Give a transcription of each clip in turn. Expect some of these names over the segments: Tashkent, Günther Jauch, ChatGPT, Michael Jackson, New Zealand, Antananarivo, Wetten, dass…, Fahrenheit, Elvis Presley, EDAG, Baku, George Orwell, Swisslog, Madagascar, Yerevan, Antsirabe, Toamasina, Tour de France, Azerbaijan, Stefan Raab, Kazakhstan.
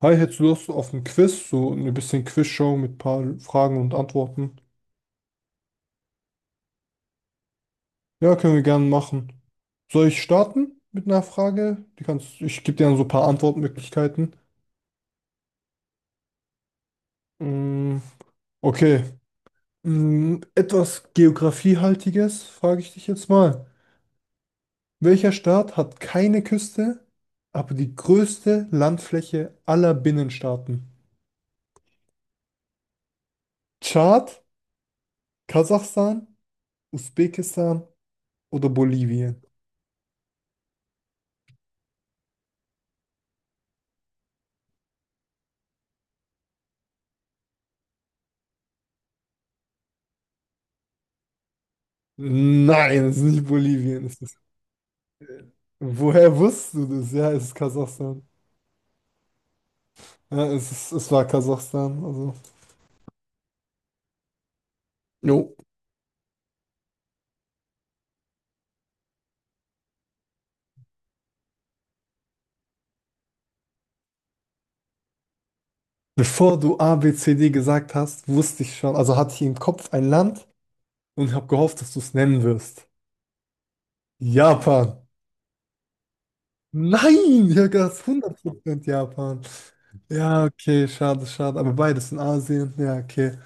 Hi, hättest du Lust auf ein Quiz? So ein bisschen Quizshow mit ein paar Fragen und Antworten. Ja, können wir gerne machen. Soll ich starten mit einer Frage? Die kannst, ich gebe dir dann so ein paar Antwortmöglichkeiten. Mm, okay. Etwas Geografiehaltiges frage ich dich jetzt mal. Welcher Staat hat keine Küste, aber die größte Landfläche aller Binnenstaaten? Tschad, Kasachstan, Usbekistan oder Bolivien? Nein, es ist nicht Bolivien. Woher wusstest du das? Ja, es ist Kasachstan. Ja, es war Kasachstan. Also. Jo. Bevor du A, B, C, D gesagt hast, wusste ich schon, also hatte ich im Kopf ein Land und habe gehofft, dass du es nennen wirst. Japan. Nein, ich habe gedacht, 100% Japan. Ja, okay, schade, schade. Aber beides in Asien. Ja, okay.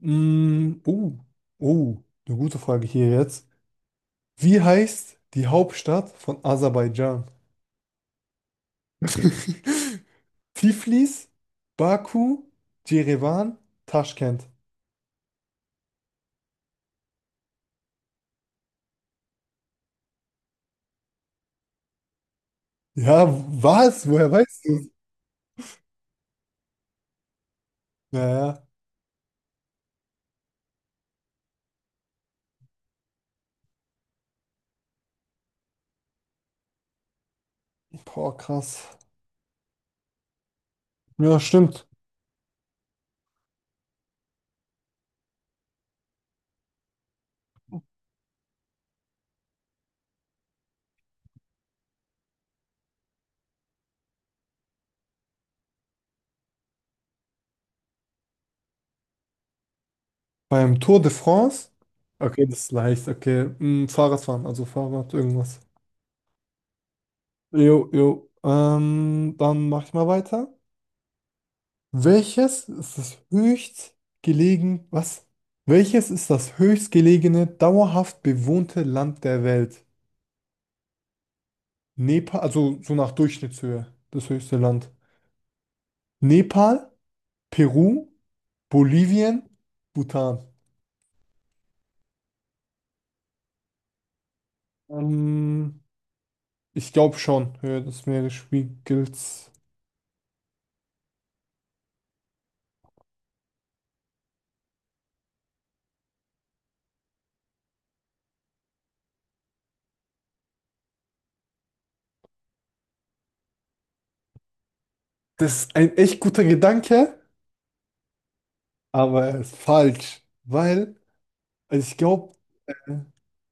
Oh, oh, eine gute Frage hier jetzt. Wie heißt die Hauptstadt von Aserbaidschan? Tiflis, Baku, Jerewan, Taschkent. Ja, was? Woher weißt du es? Naja, boah, krass. Ja, stimmt. Beim Tour de France? Okay, das ist leicht. Okay, Fahrradfahren, also Fahrrad, irgendwas. Jo, jo. Dann mach ich mal weiter. Welches ist das höchstgelegen... Was? Welches ist das höchstgelegene, dauerhaft bewohnte Land der Welt? Nepal, also so nach Durchschnittshöhe, das höchste Land. Nepal, Peru, Bolivien, Bhutan. Ähm, Ich glaube schon, Höhe des Meeresspiegels. Das ist ein echt guter Gedanke, aber er ist falsch, weil also ich glaube,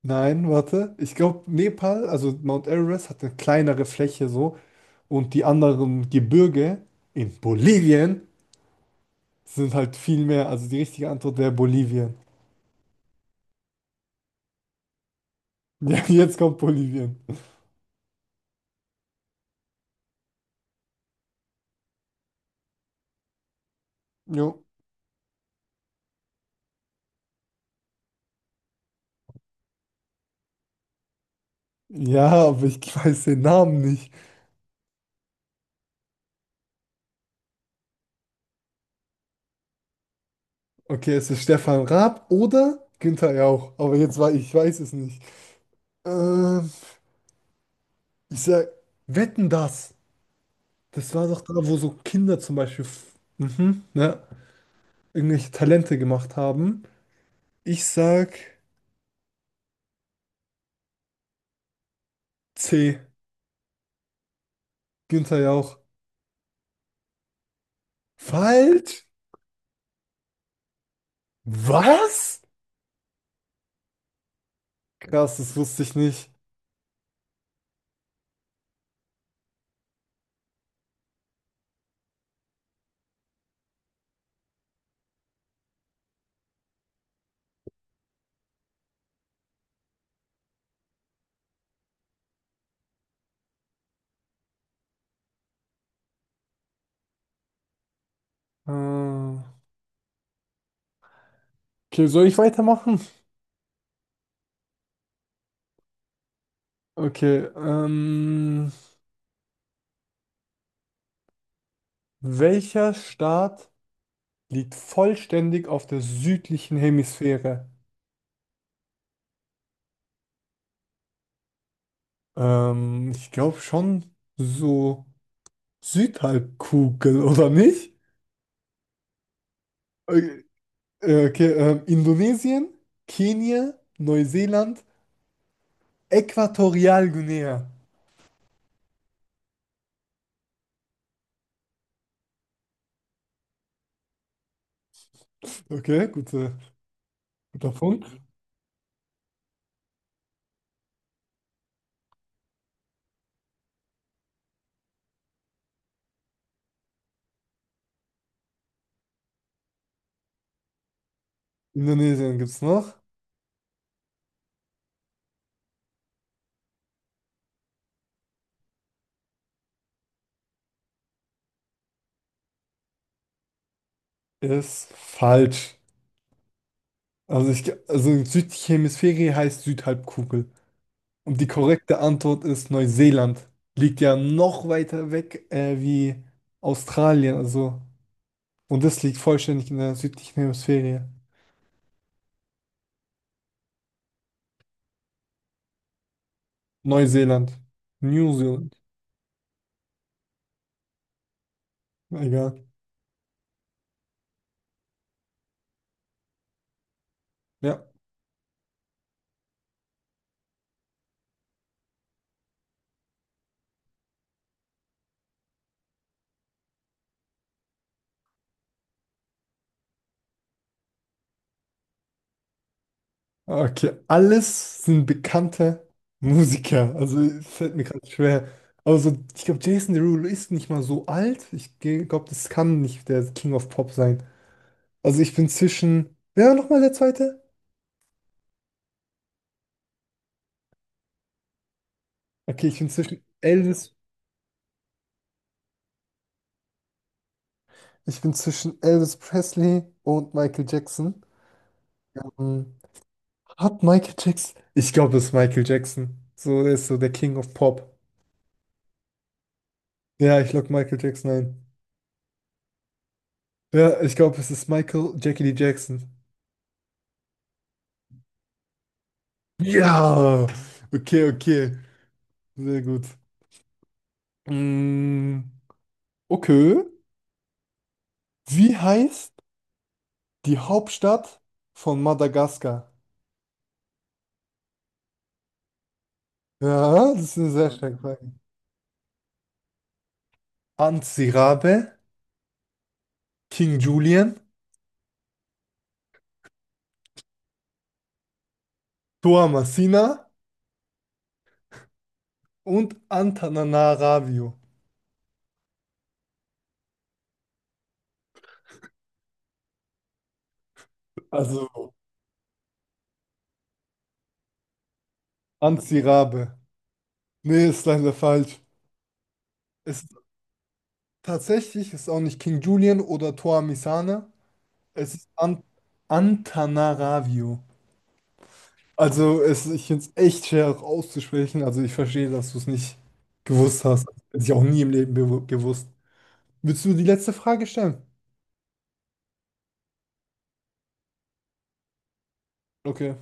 nein, warte, ich glaube, Nepal, also Mount Everest hat eine kleinere Fläche so und die anderen Gebirge in Bolivien sind halt viel mehr. Also die richtige Antwort wäre Bolivien. Ja, jetzt kommt Bolivien. Jo. Ja, aber ich weiß den Namen nicht. Okay, es ist Stefan Raab oder Günther Jauch. Aber jetzt war ich, weiß es nicht. Ähm, Ich sag, Wetten das. Das war doch da, wo so Kinder zum Beispiel ne, irgendwelche Talente gemacht haben. Ich sag C, Günther Jauch. Falsch? Was? Krass, das wusste ich nicht. Okay, soll ich weitermachen? Okay, welcher Staat liegt vollständig auf der südlichen Hemisphäre? Ich glaube schon so Südhalbkugel, oder nicht? Okay, okay, Indonesien, Kenia, Neuseeland, Äquatorialguinea. Okay, guter Punkt. Indonesien gibt es noch. Ist falsch. Also, also Südhemisphäre heißt Südhalbkugel. Und die korrekte Antwort ist Neuseeland. Liegt ja noch weiter weg wie Australien. Also, und das liegt vollständig in der südlichen Hemisphäre. Neuseeland. New Zealand. Egal. Ja. Okay. Alles sind bekannte Musiker. Also es fällt mir gerade schwer. Aber so, ich glaube, Jason Derulo ist nicht mal so alt. Ich glaube, das kann nicht der King of Pop sein. Also ich bin zwischen. Wer war nochmal der zweite? Okay, ich bin zwischen Elvis. Ich bin zwischen Elvis Presley und Michael Jackson. Hm, Hat Michael Jackson? Ich glaube, es ist Michael Jackson. So, er ist so der King of Pop. Ja, ich logge Michael Jackson ein. Ja, ich glaube, es ist Michael Jackie Lee Jackson. Ja! Okay, okay. Sehr gut. Mm, okay. Wie heißt die Hauptstadt von Madagaskar? Ja, das ist eine sehr starke Frage. Antsirabe, King Julian, Toamasina und Antananarivo. Also Antsirabe. Nee, ist leider falsch. Es, Tatsächlich ist auch nicht King Julian oder Toamisane. Es ist An Antananarivo. Also ich finde es echt schwer auch auszusprechen. Also ich verstehe, dass du es nicht gewusst hast. Hätte ich auch nie im Leben gewusst. Willst du die letzte Frage stellen? Okay.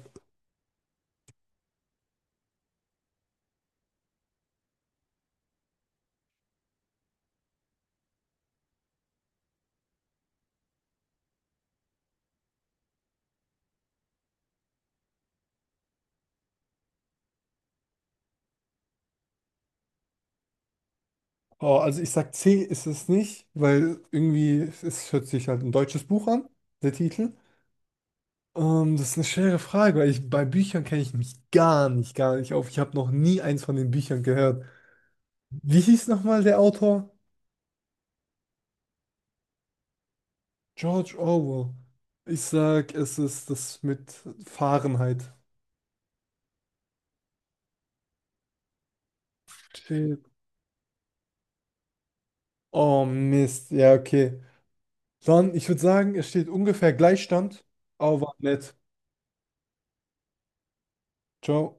Oh, also ich sag C ist es nicht, weil irgendwie es hört sich halt ein deutsches Buch an, der Titel. Das ist eine schwere Frage, weil ich bei Büchern kenne ich mich gar nicht auf. Ich habe noch nie eins von den Büchern gehört. Wie hieß nochmal der Autor? George Orwell. Ich sag, es ist das mit Fahrenheit. Shit. Oh Mist. Ja, okay. Dann, ich würde sagen, es steht ungefähr Gleichstand, aber nett. Ciao.